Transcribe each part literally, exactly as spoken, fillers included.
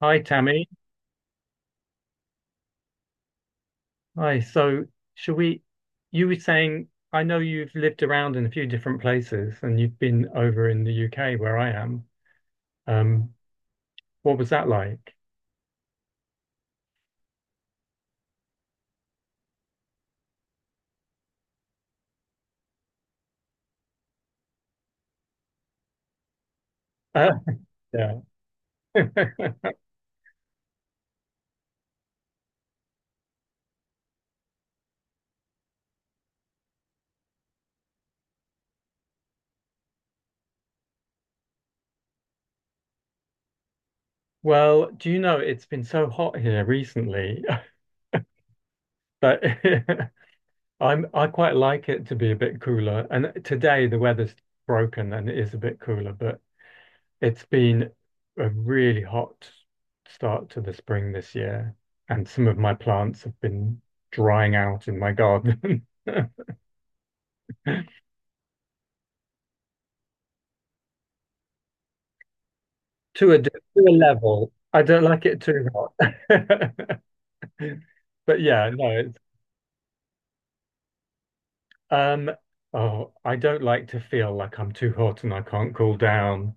Hi, Tammy. Hi. So, should we? You were saying, I know you've lived around in a few different places and you've been over in the U K where I am. Um, what was that like? Uh, yeah. Well, do you know it's been so hot here recently that I'm I quite like it to be a bit cooler. And today the weather's broken and it is a bit cooler, but it's been a really hot start to the spring this year, and some of my plants have been drying out in my garden to a to a level. I don't like it too hot. But yeah, no, it's um oh, I don't like to feel like I'm too hot and I can't cool down.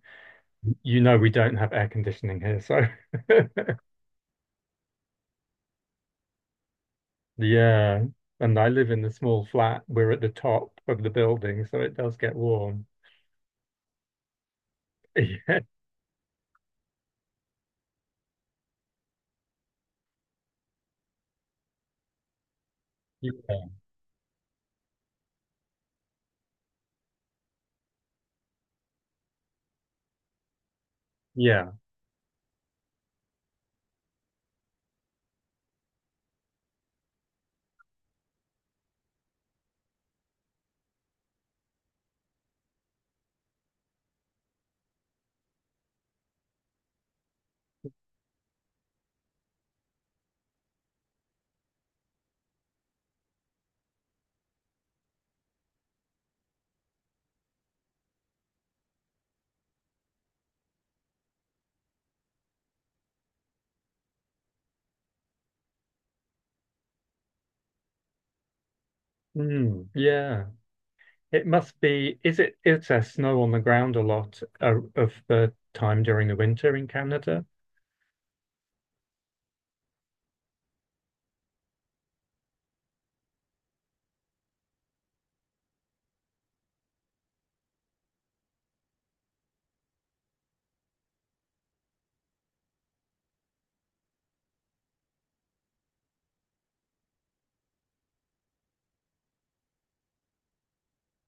You know we don't have air conditioning here, so yeah. And I live in a small flat. We're at the top of the building, so it does get warm. Yeah. Yeah. Mm, yeah. It must be, is it, is there snow on the ground a lot uh, of the time during the winter in Canada?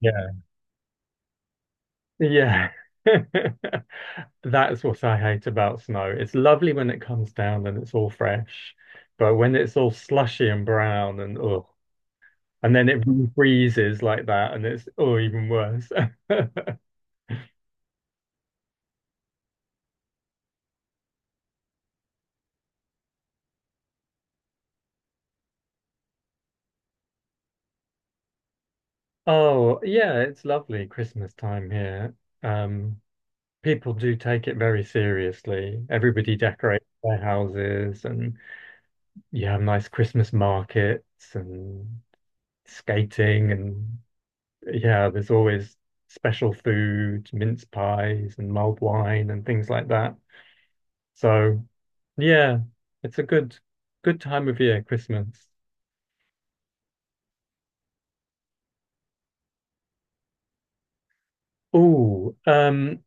Yeah. Yeah. That's what I hate about snow. It's lovely when it comes down and it's all fresh, but when it's all slushy and brown and oh, and then it really freezes like that and it's oh, even worse. Oh, yeah, it's lovely Christmas time here. Um, People do take it very seriously. Everybody decorates their houses, and you have nice Christmas markets and skating, and yeah, there's always special food, mince pies and mulled wine and things like that. So yeah, it's a good good time of year, Christmas. Oh, um,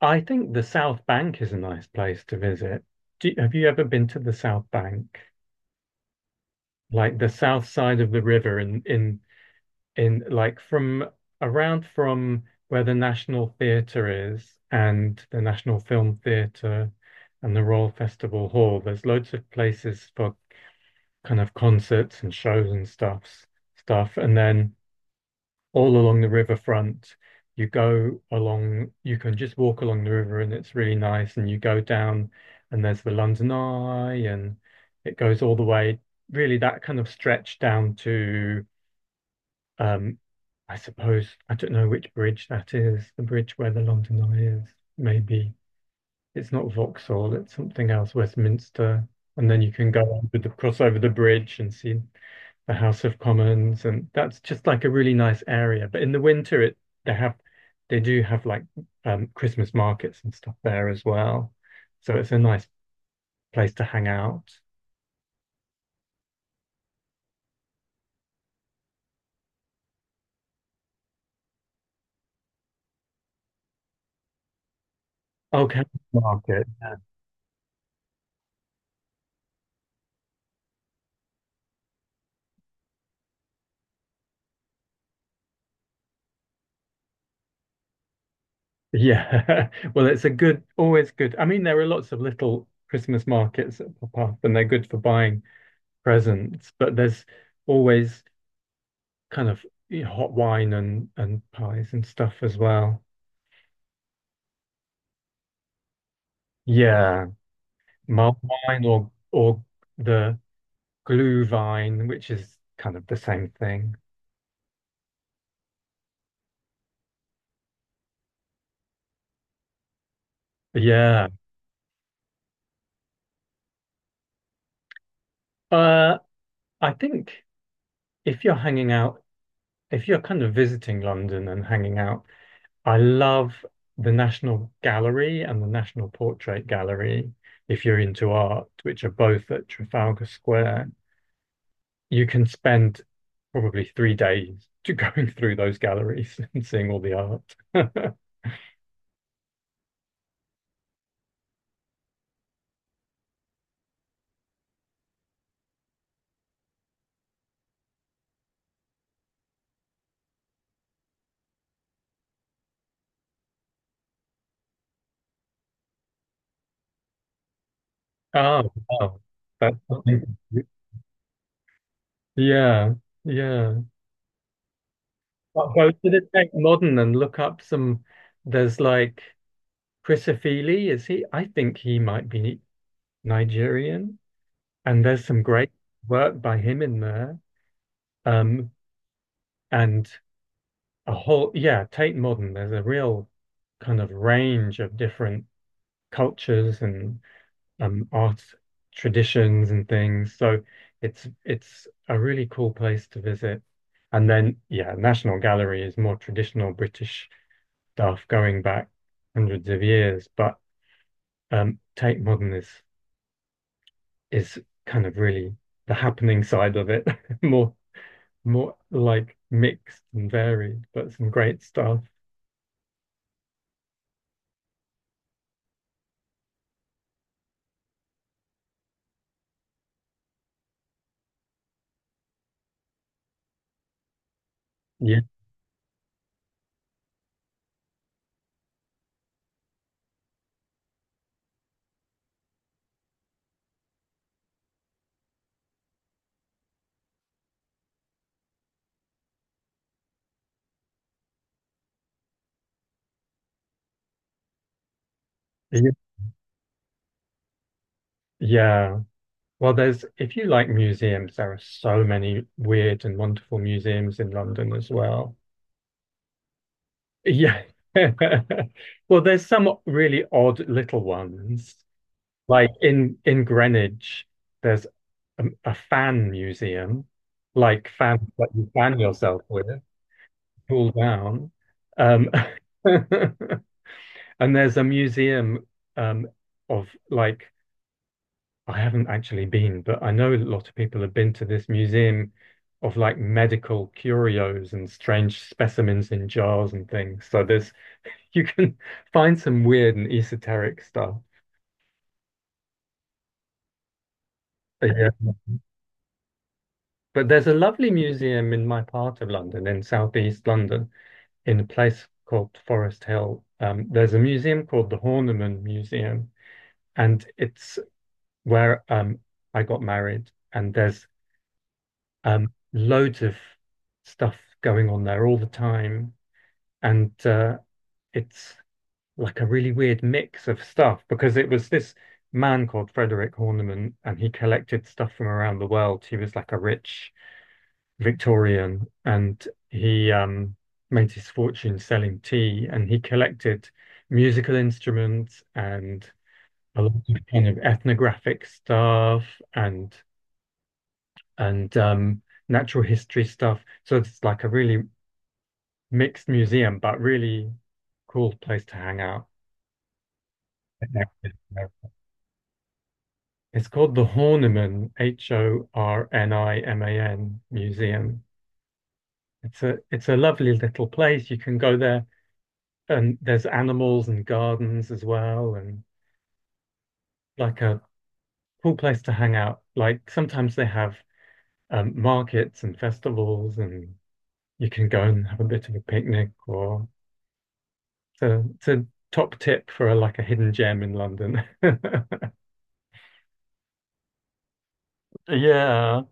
I think the South Bank is a nice place to visit. Do, have you ever been to the South Bank? Like the south side of the river in, in in like from around from where the National Theatre is and the National Film Theatre and the Royal Festival Hall. There's loads of places for kind of concerts and shows and stuffs stuff. And then all along the riverfront, you go along, you can just walk along the river and it's really nice. And you go down and there's the London Eye and it goes all the way, really that kind of stretch down to um, I suppose I don't know which bridge that is, the bridge where the London Eye is. Maybe it's not Vauxhall, it's something else, Westminster. And then you can go over the cross over the bridge and see the House of Commons, and that's just like a really nice area. But in the winter, it they have they do have like um, Christmas markets and stuff there as well, so it's a nice place to hang out. Oh, Camden Market. Yeah. Well, it's a good, always good. I mean, there are lots of little Christmas markets that pop up and they're good for buying presents, but there's always kind of you know, hot wine and and pies and stuff as well. Yeah. Mulled wine or or the glue vine, which is kind of the same thing. Yeah. Uh, I think if you're hanging out, if you're kind of visiting London and hanging out I love the National Gallery and the National Portrait Gallery, if you're into art, which are both at Trafalgar Square. You can spend probably three days to going through those galleries and seeing all the art. Oh, wow. That's something. Yeah, yeah. I'll go to the Tate Modern and look up some. There's like Chris Ofili, is he? I think he might be Nigerian. And there's some great work by him in there. Um, and a whole, yeah, Tate Modern, there's a real kind of range of different cultures and um, art traditions and things. So it's it's a really cool place to visit. And then, yeah, National Gallery is more traditional British stuff going back hundreds of years, but um, Tate Modern is is kind of really the happening side of it, more more like mixed and varied, but some great stuff. Yeah. Y- Yeah. Well, there's, if you like museums, there are so many weird and wonderful museums in London as well. Yeah. Well, there's some really odd little ones. Like in in Greenwich, there's a, a fan museum, like fans that you fan yourself with, cool down. Um, and there's a museum um, of like I haven't actually been, but I know a lot of people have been to this museum of like medical curios and strange specimens in jars and things. So there's you can find some weird and esoteric stuff. Yeah. But there's a lovely museum in my part of London, in southeast London, in a place called Forest Hill. Um, there's a museum called the Horniman Museum, and it's where um, I got married. And there's Um, loads of stuff going on there all the time, and uh, it's like a really weird mix of stuff because it was this man called Frederick Horniman, and he collected stuff from around the world. He was like a rich Victorian, and he um, made his fortune selling tea, and he collected musical instruments and a lot of kind of ethnographic stuff and and um, natural history stuff. So it's like a really mixed museum, but really cool place to hang out. Yeah. It's called the Horniman, H O R N I M A N Museum. It's a it's a lovely little place. You can go there and there's animals and gardens as well and like a cool place to hang out. Like sometimes they have um, markets and festivals and you can go and have a bit of a picnic or it's a, it's a top tip for a, like a hidden gem in London. Yeah.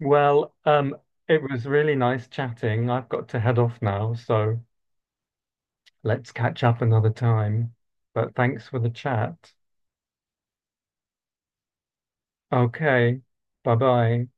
Well, um, it was really nice chatting. I've got to head off now, so let's catch up another time. But thanks for the chat. Okay, bye bye.